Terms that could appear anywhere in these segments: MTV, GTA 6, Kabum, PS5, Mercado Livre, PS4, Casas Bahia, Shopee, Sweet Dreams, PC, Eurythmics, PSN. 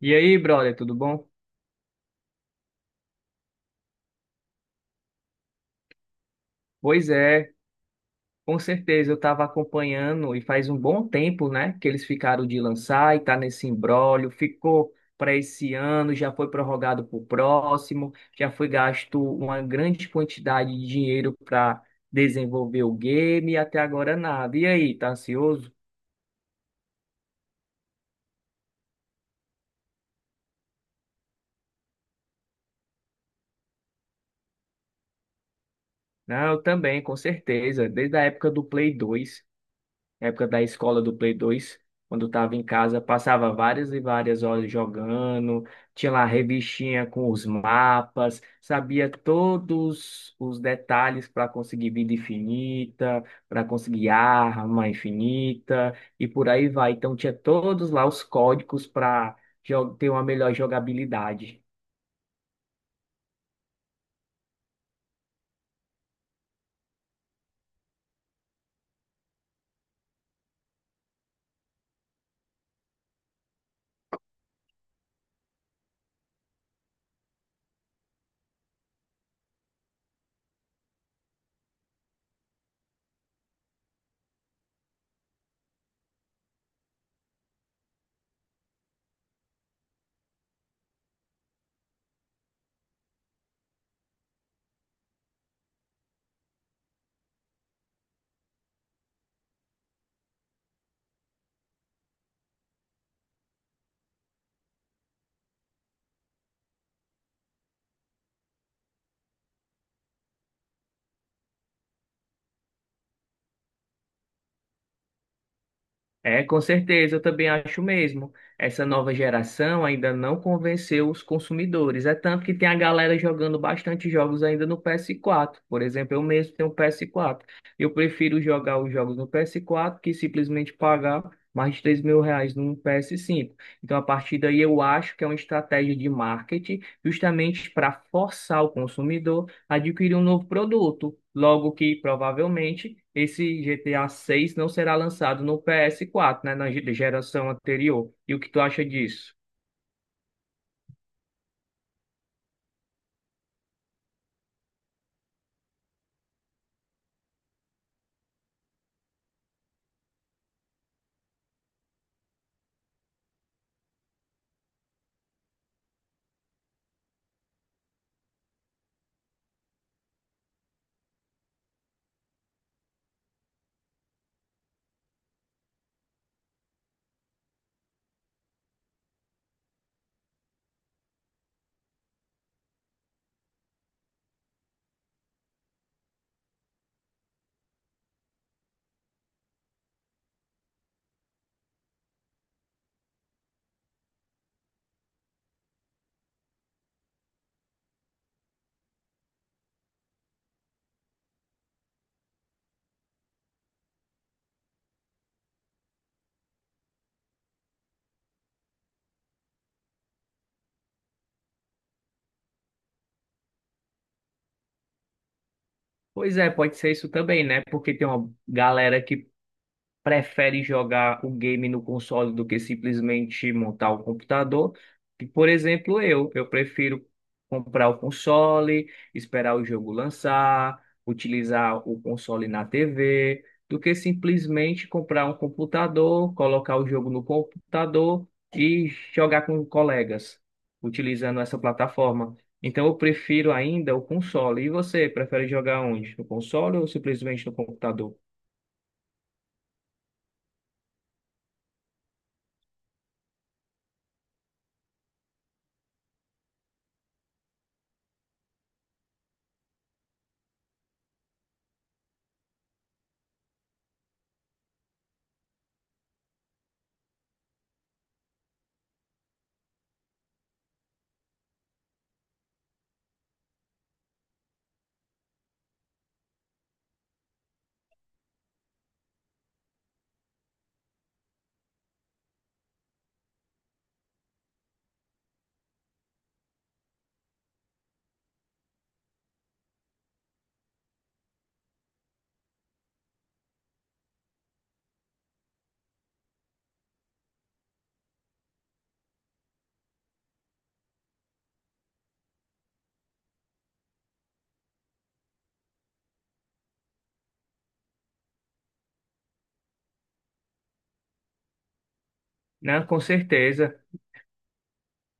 E aí, brother, tudo bom? Pois é, com certeza eu estava acompanhando e faz um bom tempo, né, que eles ficaram de lançar e tá nesse imbróglio, ficou para esse ano, já foi prorrogado para o próximo, já foi gasto uma grande quantidade de dinheiro para desenvolver o game e até agora nada. E aí, tá ansioso? Não, eu também, com certeza, desde a época do Play 2. Na época da escola do Play 2, quando estava em casa, passava várias e várias horas jogando, tinha lá a revistinha com os mapas, sabia todos os detalhes para conseguir vida infinita, para conseguir arma infinita e por aí vai. Então tinha todos lá os códigos para ter uma melhor jogabilidade. É, com certeza, eu também acho mesmo. Essa nova geração ainda não convenceu os consumidores. É tanto que tem a galera jogando bastante jogos ainda no PS4. Por exemplo, eu mesmo tenho um PS4. Eu prefiro jogar os jogos no PS4 que simplesmente pagar mais de 3 mil reais num PS5. Então, a partir daí, eu acho que é uma estratégia de marketing justamente para forçar o consumidor adquirir um novo produto, logo que provavelmente esse GTA 6 não será lançado no PS4, né, na geração anterior. E o que tu acha disso? Pois é, pode ser isso também, né? Porque tem uma galera que prefere jogar o game no console do que simplesmente montar o computador. E, por exemplo, eu prefiro comprar o console, esperar o jogo lançar, utilizar o console na TV, do que simplesmente comprar um computador, colocar o jogo no computador e jogar com colegas, utilizando essa plataforma. Então eu prefiro ainda o console. E você, prefere jogar onde? No console ou simplesmente no computador? Não, com certeza.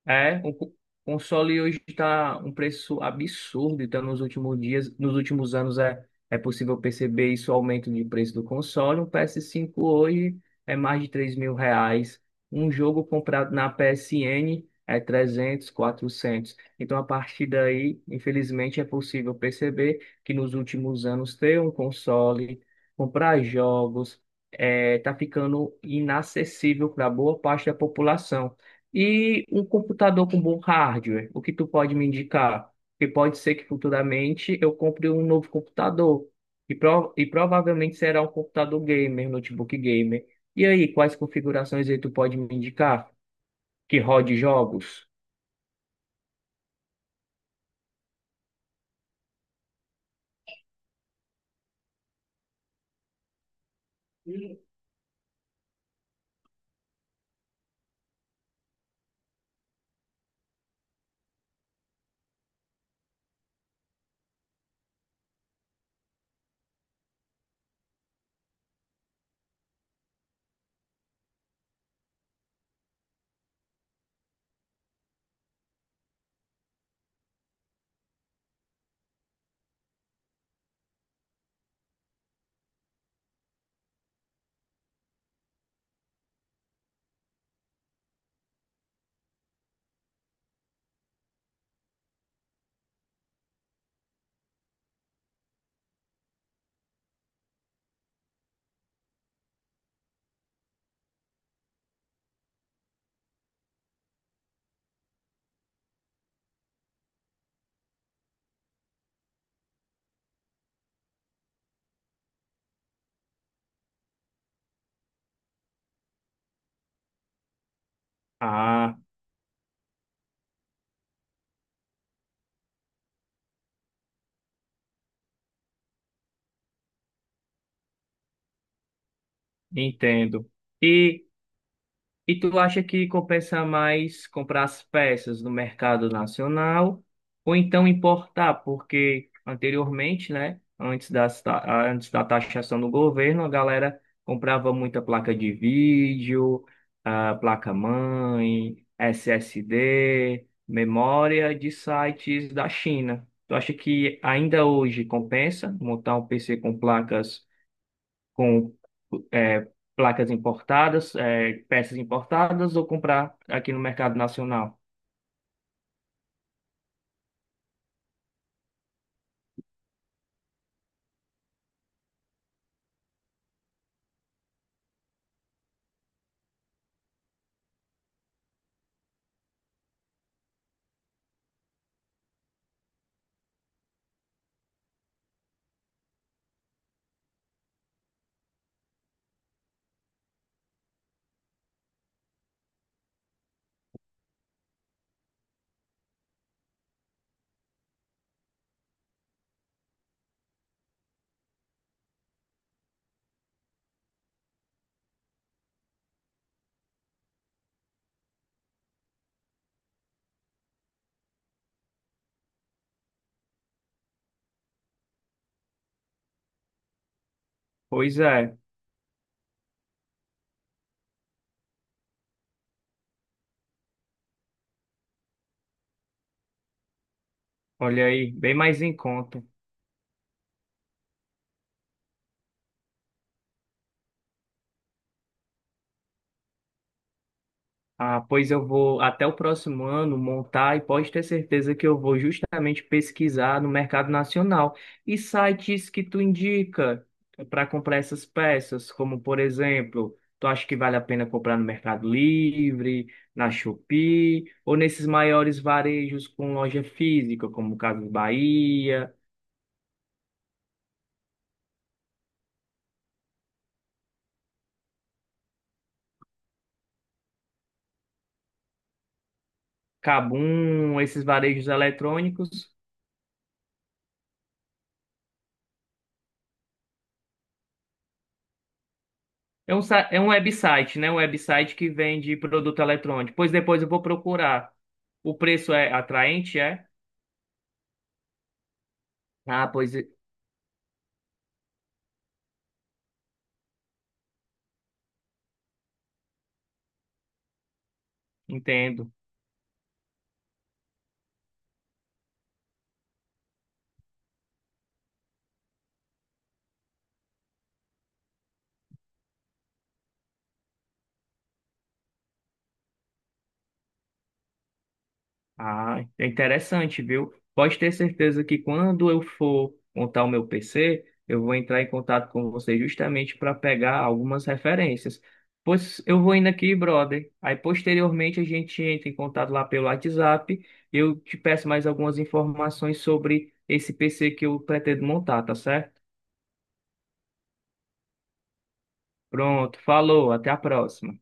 É, o console hoje está um preço absurdo, então nos últimos dias, nos últimos anos é possível perceber isso, o aumento de preço do console. Um PS5 hoje é mais de 3 mil reais. Um jogo comprado na PSN é 300, 400. Então, a partir daí, infelizmente, é possível perceber que nos últimos anos ter um console, comprar jogos, está ficando inacessível para boa parte da população. E um computador com bom hardware, o que tu pode me indicar? Porque pode ser que futuramente eu compre um novo computador. E, e provavelmente será um computador gamer, notebook gamer. E aí, quais configurações aí tu pode me indicar? Que rode jogos? Ah, entendo. E tu acha que compensa mais comprar as peças no mercado nacional ou então importar? Porque anteriormente, né, antes da taxação do governo, a galera comprava muita placa de vídeo, ah, placa-mãe, SSD, memória de sites da China. Tu acha que ainda hoje compensa montar um PC com placas com é, placas importadas, é, peças importadas ou comprar aqui no mercado nacional. Pois é, olha aí, bem mais em conta. Ah, pois eu vou até o próximo ano montar e pode ter certeza que eu vou justamente pesquisar no mercado nacional e sites que tu indica para comprar essas peças, como por exemplo, tu acha que vale a pena comprar no Mercado Livre, na Shopee ou nesses maiores varejos com loja física, como Casas Bahia, Kabum, esses varejos eletrônicos? É um, é um website, né? Um website que vende produto eletrônico. Pois depois eu vou procurar. O preço é atraente, é? Ah, entendo. Ah, é interessante, viu? Pode ter certeza que quando eu for montar o meu PC, eu vou entrar em contato com você justamente para pegar algumas referências. Pois eu vou indo aqui, brother. Aí posteriormente a gente entra em contato lá pelo WhatsApp. Eu te peço mais algumas informações sobre esse PC que eu pretendo montar, tá certo? Pronto, falou, até a próxima.